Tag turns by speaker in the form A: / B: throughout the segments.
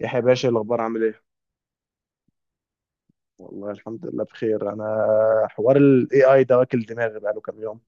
A: يحيى باشا، إيه الاخبار، عامل ايه؟ والله الحمد لله بخير انا. حوار الاي اي ده واكل دماغي بقاله كام يوم.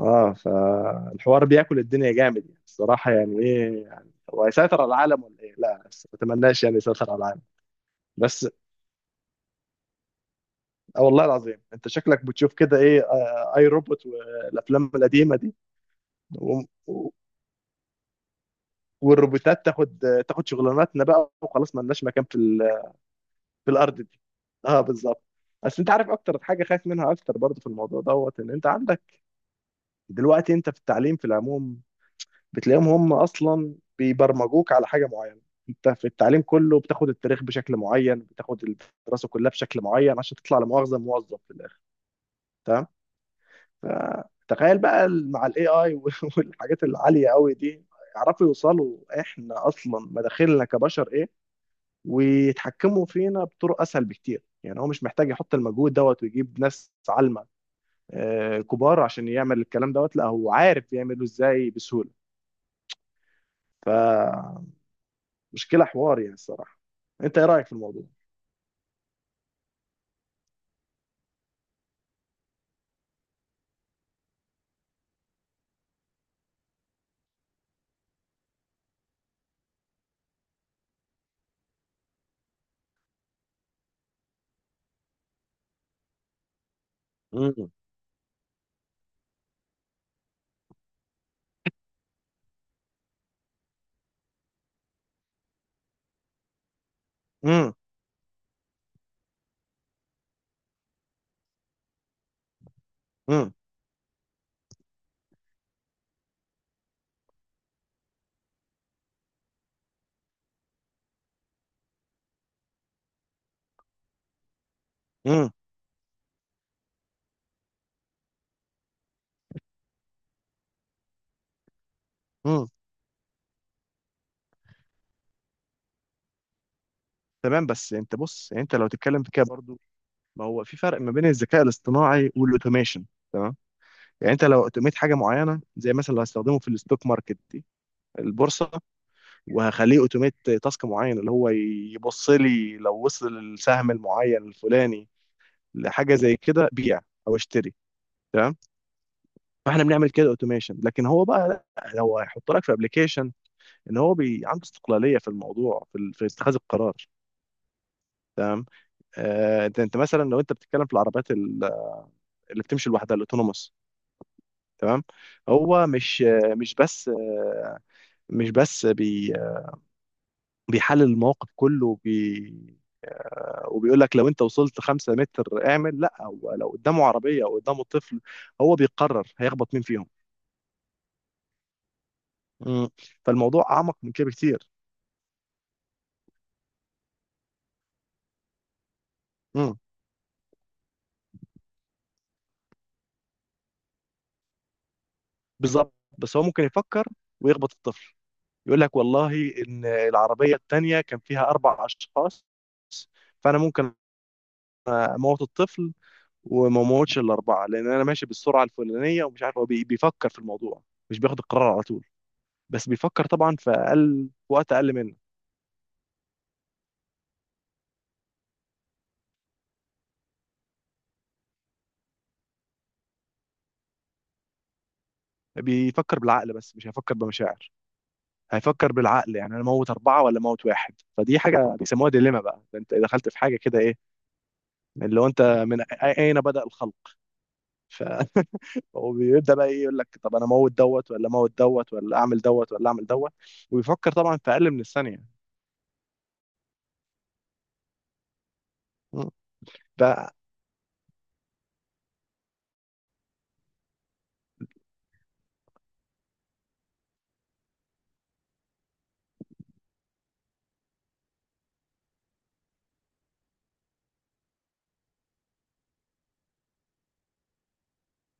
A: اه، فالحوار بياكل الدنيا جامد يعني، الصراحه يعني ايه يعني، هو هيسيطر على العالم ولا ايه؟ لا بس ما اتمناش يعني يسيطر على العالم. بس آه والله العظيم، انت شكلك بتشوف كده. ايه اي روبوت والافلام القديمه دي. و- و- والروبوتات تاخد شغلاناتنا بقى وخلاص، ما لناش مكان في الارض دي. اه بالظبط. بس انت عارف اكتر حاجه خايف منها اكتر برضه في الموضوع دوت، ان انت عندك دلوقتي، انت في التعليم في العموم بتلاقيهم هم اصلا بيبرمجوك على حاجه معينه. انت في التعليم كله بتاخد التاريخ بشكل معين، بتاخد الدراسه كلها بشكل معين، عشان تطلع لمؤاخذه موظف في الاخر. تمام؟ فتخيل بقى مع الاي اي والحاجات العاليه قوي دي يعرفوا يوصلوا احنا اصلا مداخلنا كبشر ايه، ويتحكموا فينا بطرق اسهل بكتير. يعني هو مش محتاج يحط المجهود دوت ويجيب ناس عالمه كبار عشان يعمل الكلام دوت، لا هو عارف يعمله ازاي بسهوله. فمشكلة حوار يعني الصراحة. انت ايه رأيك في الموضوع؟ مم. مم. مم. مم. مم. تمام. بس انت بص، يعني انت لو تتكلم في كده برضو، ما هو في فرق ما بين الذكاء الاصطناعي والاوتوميشن. تمام؟ يعني انت لو اوتوميت حاجه معينه، زي مثلا لو هستخدمه في الستوك ماركت دي، البورصه، وهخليه اوتوميت تاسك معين اللي هو يبص لي لو وصل السهم المعين الفلاني لحاجه زي كده، بيع او اشتري. تمام؟ فاحنا بنعمل كده اوتوميشن، لكن هو بقى لا، لو هيحط لك في ابلكيشن ان هو بي عنده استقلاليه في الموضوع، في اتخاذ القرار. تمام؟ انت انت مثلا لو انت بتتكلم في العربيات اللي بتمشي لوحدها، الاوتونوموس. تمام؟ هو مش بس بي بيحلل المواقف كله، وبيقول لك لو انت وصلت 5 متر اعمل، لا هو لو قدامه عربية او قدامه طفل، هو بيقرر هيخبط مين فيهم. مم. فالموضوع اعمق من كده بكتير. مم. بالظبط، بس هو ممكن يفكر ويخبط الطفل، يقول لك والله ان العربيه الثانيه كان فيها 4 اشخاص، فانا ممكن اموت الطفل وما اموتش الاربعه لان انا ماشي بالسرعه الفلانيه. ومش عارف، هو بيفكر في الموضوع، مش بياخد القرار على طول، بس بيفكر طبعا في وقت اقل منه. بيفكر بالعقل، بس مش هيفكر بمشاعر. هيفكر بالعقل، يعني انا موت اربعه ولا موت واحد، فدي حاجه بيسموها ديليما بقى. ده انت دخلت في حاجه كده، ايه اللي هو انت اين بدا الخلق. ف وبيبدا بقى ايه، يقول لك طب انا اموت دوت ولا اموت دوت، ولا اعمل دوت ولا اعمل دوت. وبيفكر طبعا في اقل من الثانيه. م. ده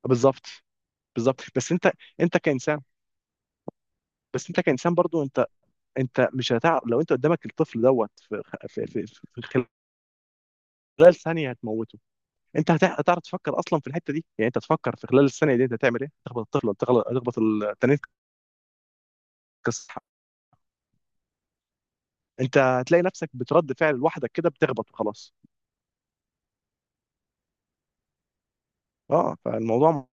A: بالظبط. بالظبط بس انت، انت كانسان، بس انت كانسان برضو، انت انت مش هتعرف لو انت قدامك الطفل دوت في خلال ثانيه هتموته. انت هتعرف تفكر اصلا في الحته دي؟ يعني انت تفكر في خلال الثانيه دي انت هتعمل ايه، تخبط الطفل ولا تخبط التاني، تكسر. انت هتلاقي نفسك بترد فعل لوحدك كده، بتخبط وخلاص. اه فالموضوع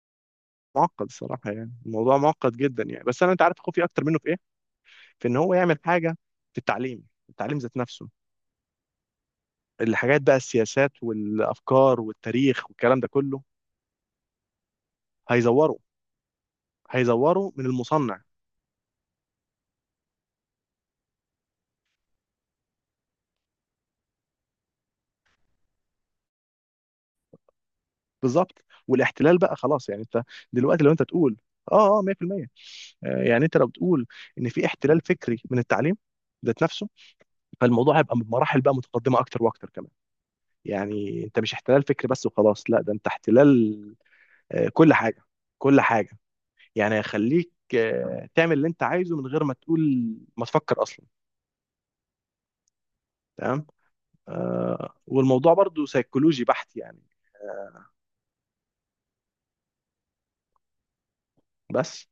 A: معقد الصراحه، يعني الموضوع معقد جدا يعني. بس انا انت عارف خوفي اكتر منه في ايه؟ في ان هو يعمل حاجه في التعليم، التعليم ذات نفسه. الحاجات بقى، السياسات والافكار والتاريخ والكلام ده كله، هيزوروا هيزوروا من المصنع. بالظبط. والاحتلال بقى خلاص، يعني انت دلوقتي لو انت تقول اه، اه، 100%. يعني انت لو بتقول ان في احتلال فكري من التعليم ذات نفسه، فالموضوع هيبقى بمراحل بقى متقدمه اكتر واكتر كمان. يعني انت مش احتلال فكري بس وخلاص، لا ده انت احتلال كل حاجه، كل حاجه. يعني هيخليك تعمل اللي انت عايزه من غير ما تقول، ما تفكر اصلا. تمام؟ والموضوع برضو سيكولوجي بحت يعني. آه، بس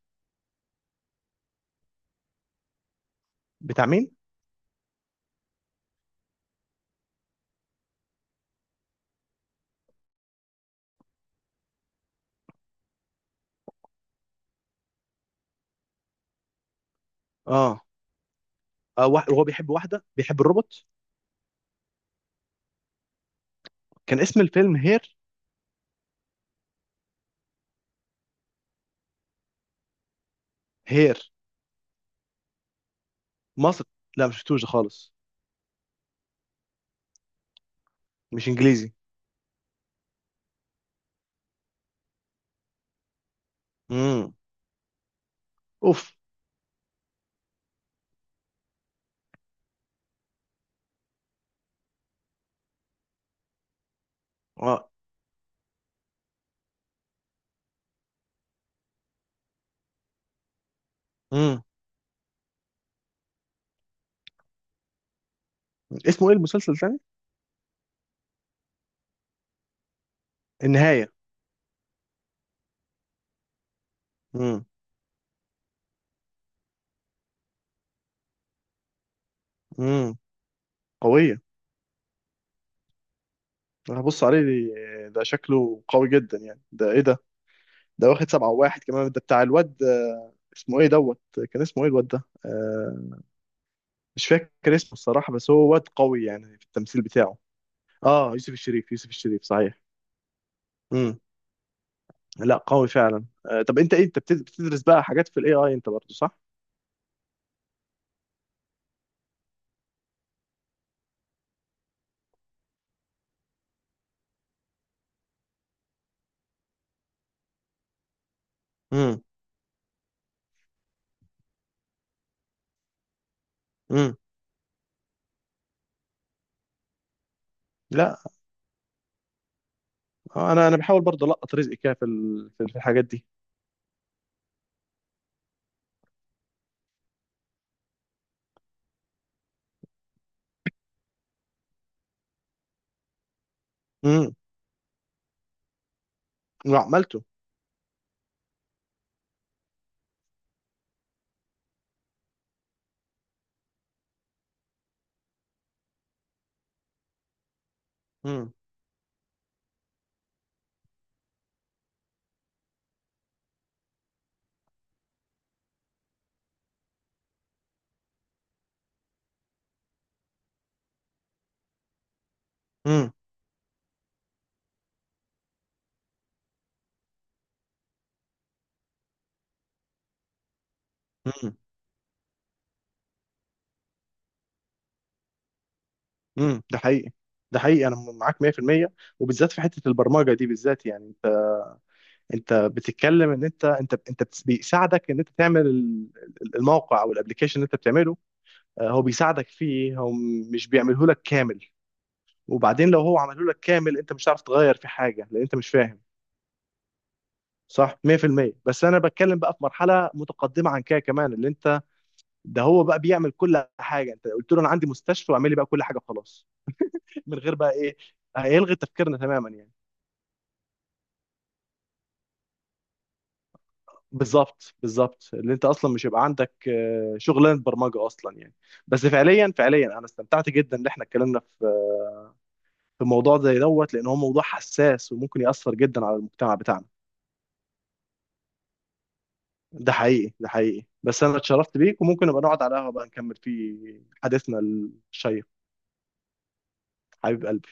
A: بتاع مين؟ اه, هو بيحب واحده، بيحب الروبوت. كان اسم الفيلم هير؟ هير؟ مصر؟ لا مش شفتوش ده خالص. مش انجليزي؟ امم. اوف. اه. امم. اسمه ايه المسلسل تاني؟ النهايه. امم. امم. قويه. انا هبص عليه ده شكله قوي جدا يعني. ده ايه ده؟ ده واخد 7-1 كمان؟ ده بتاع الواد اسمه ايه دوت، كان اسمه ايه الواد ده مش فاكر اسمه الصراحة، بس هو واد قوي يعني في التمثيل بتاعه. اه، يوسف الشريف، يوسف الشريف صحيح. امم. لا قوي فعلا. طب انت ايه، انت بتدرس بقى حاجات في الاي اي انت برضه، صح؟ امم. امم. لا انا انا بحاول برضه القط رزقي كده في ال- في في الحاجات دي. امم. وعملته؟ امم. امم. امم. امم. ده حقيقي. ده حقيقي، انا معاك 100%. وبالذات في حتة البرمجة دي بالذات يعني. انت بتتكلم ان انت بيساعدك ان انت تعمل الموقع او الابلكيشن اللي انت بتعمله. هو بيساعدك فيه هو، مش بيعمله لك كامل. وبعدين لو هو عمله لك كامل انت مش هتعرف تغير في حاجه لان انت مش فاهم. صح، 100%. بس انا بتكلم بقى في مرحله متقدمه عن كده كمان، اللي انت، ده هو بقى بيعمل كل حاجه، انت قلت له انا عندي مستشفى، واعمل لي بقى كل حاجه خلاص من غير بقى ايه، هيلغي تفكيرنا تماما يعني. بالظبط، بالظبط، اللي انت اصلا مش هيبقى عندك شغلانه برمجه اصلا يعني. بس فعليا فعليا انا استمتعت جدا ان احنا اتكلمنا في في موضوع زي دوت، لان هو موضوع حساس وممكن ياثر جدا على المجتمع بتاعنا. ده حقيقي، ده حقيقي. بس انا اتشرفت بيك، وممكن نبقى نقعد على قهوه بقى نكمل فيه حديثنا الشيق، حبيب قلبي.